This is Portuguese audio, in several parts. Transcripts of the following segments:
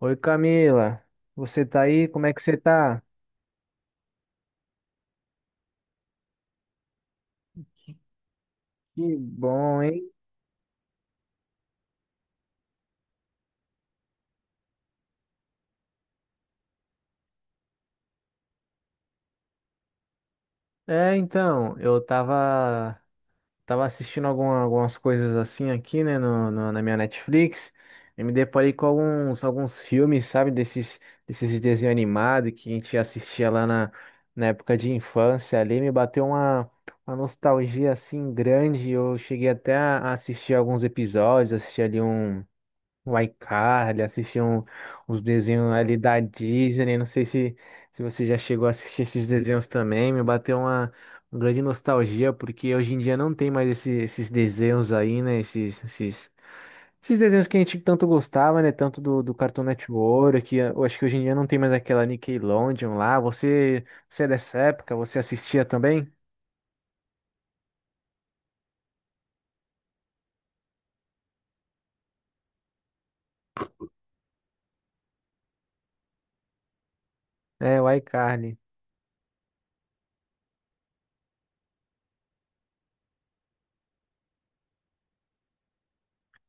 Oi Camila, você tá aí? Como é que você tá? Que bom, hein? É, então, eu tava, tava assistindo algumas coisas assim aqui, né, na minha Netflix, e me deparei com alguns filmes, sabe, desses, desses desenhos animados que a gente assistia na época de infância ali, me bateu uma nostalgia assim grande, eu cheguei até a assistir alguns episódios, assisti ali um. O iCarly, assistir um, uns desenhos ali da Disney. Não sei se, se você já chegou a assistir esses desenhos também. Me bateu uma grande nostalgia, porque hoje em dia não tem mais esses desenhos aí, né? Esses desenhos que a gente tanto gostava, né? Tanto do Cartoon Network, que eu acho que hoje em dia não tem mais aquela Nickelodeon lá. Você é dessa época? Você assistia também? É, o iCarly.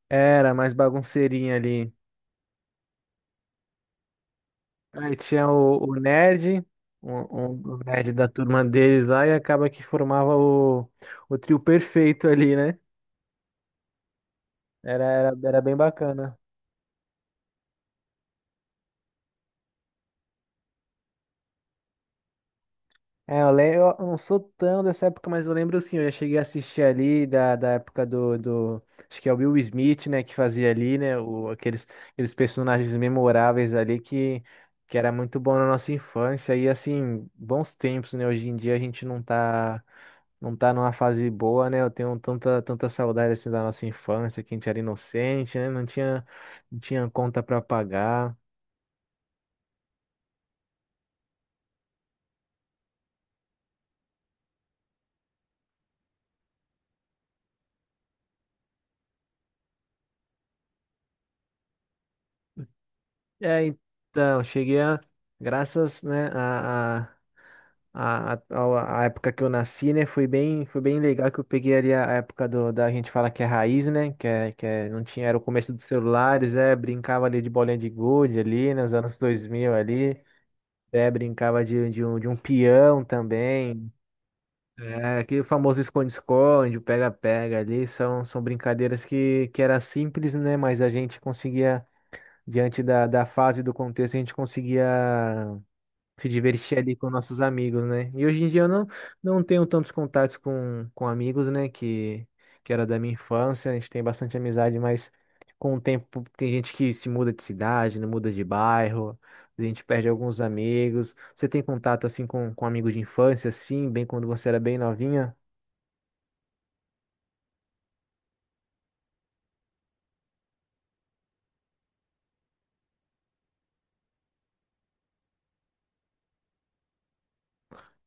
Era mais bagunceirinha ali. Aí tinha o nerd, o nerd da turma deles lá, e acaba que formava o trio perfeito ali, né? Era bem bacana. Lembro, eu não sou tão dessa época, mas eu lembro sim, eu já cheguei a assistir ali da época do. Acho que é o Will Smith, né, que fazia ali, né? Aqueles personagens memoráveis ali que era muito bom na nossa infância. E assim, bons tempos, né? Hoje em dia a gente não tá. Não tá numa fase boa, né? Eu tenho tanta saudade assim da nossa infância, que a gente era inocente, né? Não tinha conta para pagar. É, então, cheguei a, graças, né, a época que eu nasci, né? Foi bem legal que eu peguei ali a época da gente fala que é raiz, né? Que é, não tinha, era o começo dos celulares, é, brincava ali de bolinha de gude ali, nos anos dois mil ali, é, brincava de um peão também. É, aquele famoso esconde-esconde, o pega-pega ali, são brincadeiras que era simples, né? Mas a gente conseguia, da fase e do contexto, a gente conseguia se divertir ali com nossos amigos, né? E hoje em dia eu não tenho tantos contatos com amigos, né? Que era da minha infância, a gente tem bastante amizade, mas com o tempo tem gente que se muda de cidade, né? Muda de bairro, a gente perde alguns amigos. Você tem contato assim com amigos de infância, assim, bem quando você era bem novinha?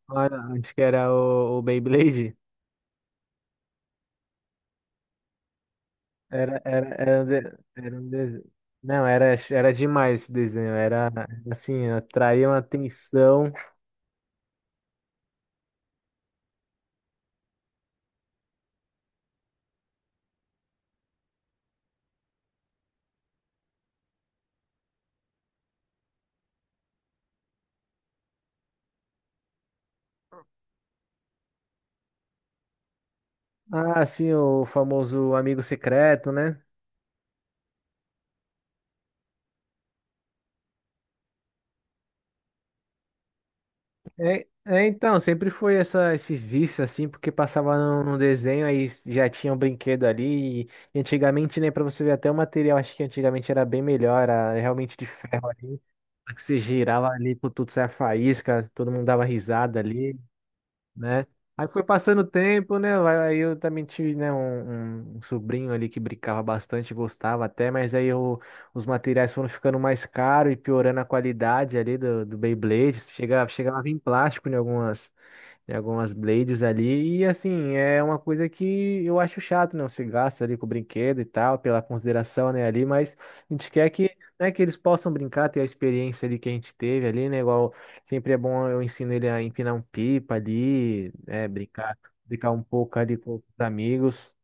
Olha, acho que era o Beyblade. Era um desenho. Não, era demais esse desenho. Era assim, atraía uma atenção. Ah, sim, o famoso amigo secreto, né? Então, sempre foi essa, esse vício, assim, porque passava no desenho, aí já tinha um brinquedo ali. E antigamente, né, pra você ver até o material, acho que antigamente era bem melhor, era realmente de ferro ali. Que você girava ali, por tudo saia faísca, todo mundo dava risada ali. Né? Aí foi passando o tempo, né? Aí eu também tive, né, um sobrinho ali que brincava bastante, gostava até, mas os materiais foram ficando mais caros e piorando a qualidade ali do Beyblade. Chegava a vir plástico em algumas, tem algumas blades ali, e assim, é uma coisa que eu acho chato, né? Você gasta ali com o brinquedo e tal, pela consideração, né, ali, mas a gente quer que, né, que eles possam brincar, ter a experiência ali que a gente teve ali, né? Igual sempre é bom, eu ensino ele a empinar um pipa ali, né, brincar, brincar um pouco ali com os amigos.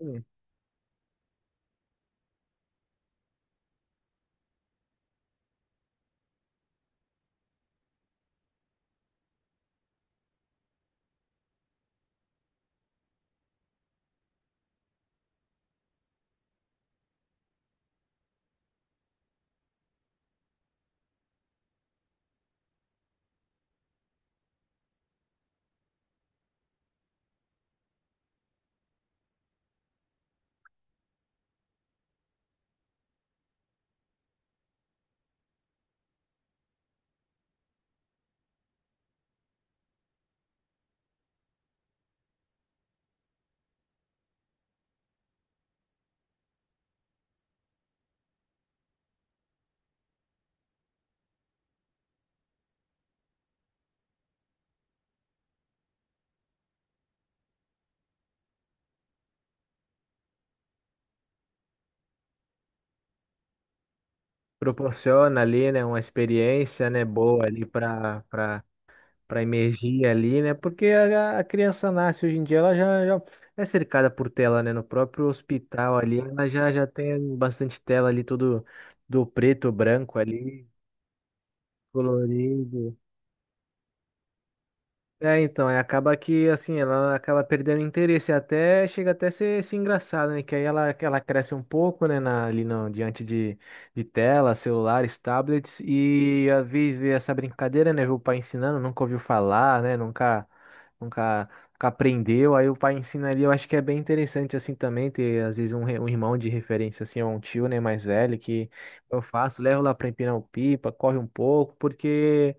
Sim. Proporciona ali, né, uma experiência, né, boa ali para para emergir ali, né? Porque a criança nasce hoje em dia, ela já é cercada por tela, né? No próprio hospital ali, ela já tem bastante tela ali, todo do preto, branco ali, colorido. É, então, é, acaba que, assim, ela acaba perdendo interesse, até chega até ser, ser engraçado, né? Que aí ela, que ela cresce um pouco, né, na, ali no, diante de telas, celulares, tablets, e às vezes vê essa brincadeira, né? Vê o pai ensinando, nunca ouviu falar, né? Nunca aprendeu, aí o pai ensina ali, eu acho que é bem interessante, assim, também, ter, às vezes, um irmão de referência, assim, ou um tio, né, mais velho, que eu faço, levo lá pra empinar o pipa, corre um pouco, porque...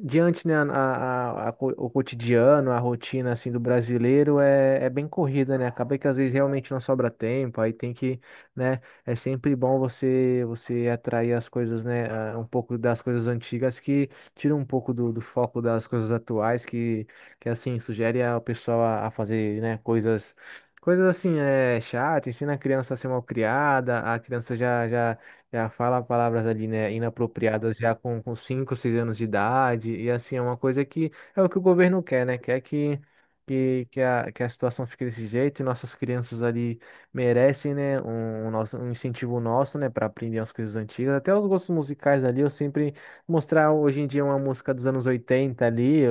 Diante, né, o cotidiano, a rotina, assim, do brasileiro é, é bem corrida, né? Acaba que às vezes realmente não sobra tempo, aí tem que, né, é sempre bom você atrair as coisas, né, ah, um pouco das coisas antigas que tira um pouco do foco das coisas atuais, que assim, sugere ao pessoal a fazer, né, coisas... Coisas assim, é chata, ensina a criança a ser mal criada, a criança já já fala palavras ali, né, inapropriadas já com 5 6 anos de idade, e assim, é uma coisa que é o que o governo quer, né, quer que a situação fique desse jeito, e nossas crianças ali merecem, né, um nosso, um incentivo nosso, né, para aprender as coisas antigas, até os gostos musicais ali, eu sempre mostrar hoje em dia uma música dos anos 80 ali,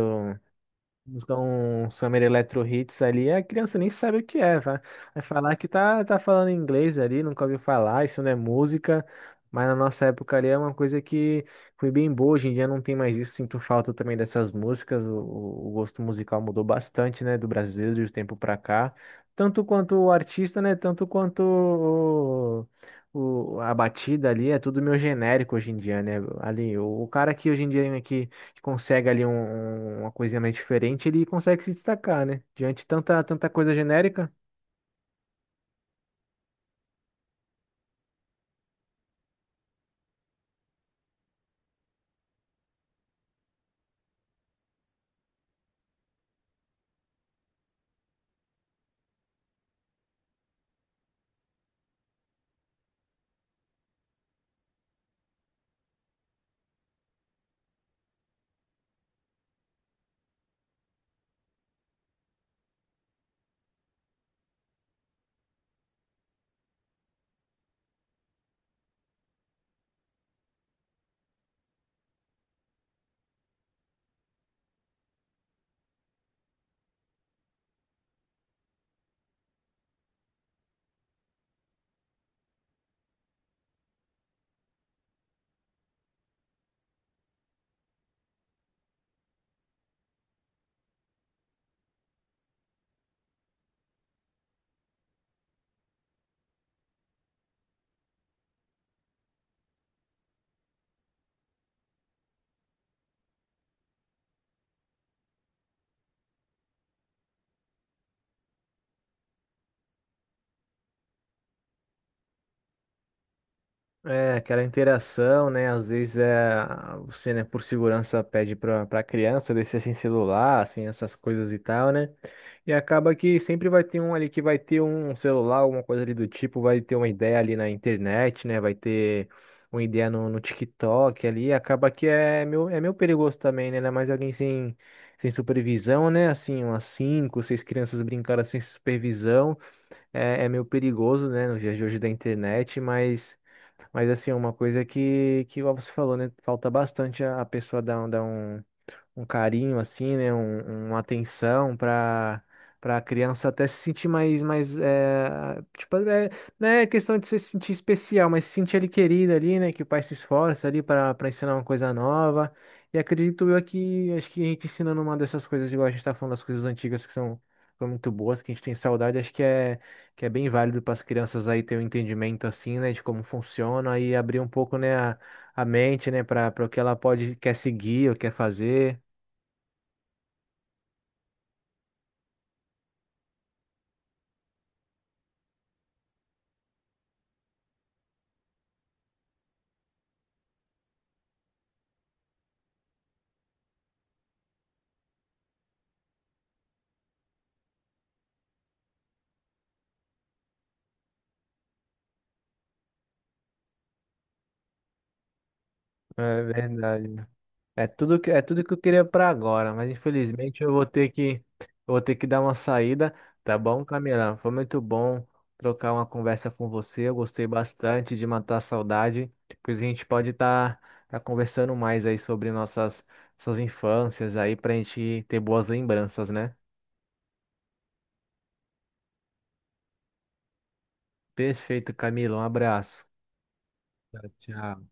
então, um Summer Electro Hits ali, a criança nem sabe o que é, vai, vai falar que tá, tá falando inglês ali, nunca ouviu falar, isso não é música, mas na nossa época ali é uma coisa que foi bem boa, hoje em dia não tem mais isso, sinto falta também dessas músicas, o gosto musical mudou bastante, né, do brasileiro de um tempo pra cá, tanto quanto o artista, né, tanto quanto o- a batida ali, é tudo meio genérico hoje em dia, né, ali, o cara que hoje em dia aqui consegue ali uma coisinha mais diferente, ele consegue se destacar, né? Diante de tanta, tanta coisa genérica. É, aquela interação, né? Às vezes é, você, né, por segurança pede para para criança descer sem celular, assim, essas coisas e tal, né? E acaba que sempre vai ter um ali que vai ter um celular, alguma coisa ali do tipo, vai ter uma ideia ali na internet, né? Vai ter uma ideia no TikTok ali, acaba que é meu é meio perigoso também, né? Ainda mais alguém sem, sem supervisão, né? Assim, umas cinco, seis crianças brincaram sem supervisão, é, é meio perigoso, né? Nos dias de hoje da internet, mas assim, é uma coisa que igual você falou, né? Falta bastante a pessoa dar, um carinho assim, né, uma atenção para para a criança até se sentir mais é, tipo, é, não é questão de se sentir especial, mas se sentir ali querida ali, né, que o pai se esforça ali para para ensinar uma coisa nova. E acredito eu que acho que a gente ensinando uma dessas coisas, igual a gente tá falando das coisas antigas que são foram muito boas, que a gente tem saudade, acho que é bem válido para as crianças aí ter um entendimento assim, né, de como funciona e abrir um pouco, né, a mente, né, para para o que ela pode quer seguir ou quer fazer. É verdade. É tudo que eu queria para agora, mas infelizmente eu vou ter que, eu vou ter que dar uma saída, tá bom, Camila? Foi muito bom trocar uma conversa com você. Eu gostei bastante de matar a saudade. Depois a gente pode estar conversando mais aí sobre nossas, nossas infâncias aí pra gente ter boas lembranças, né? Perfeito, Camila. Um abraço. Tchau, tchau.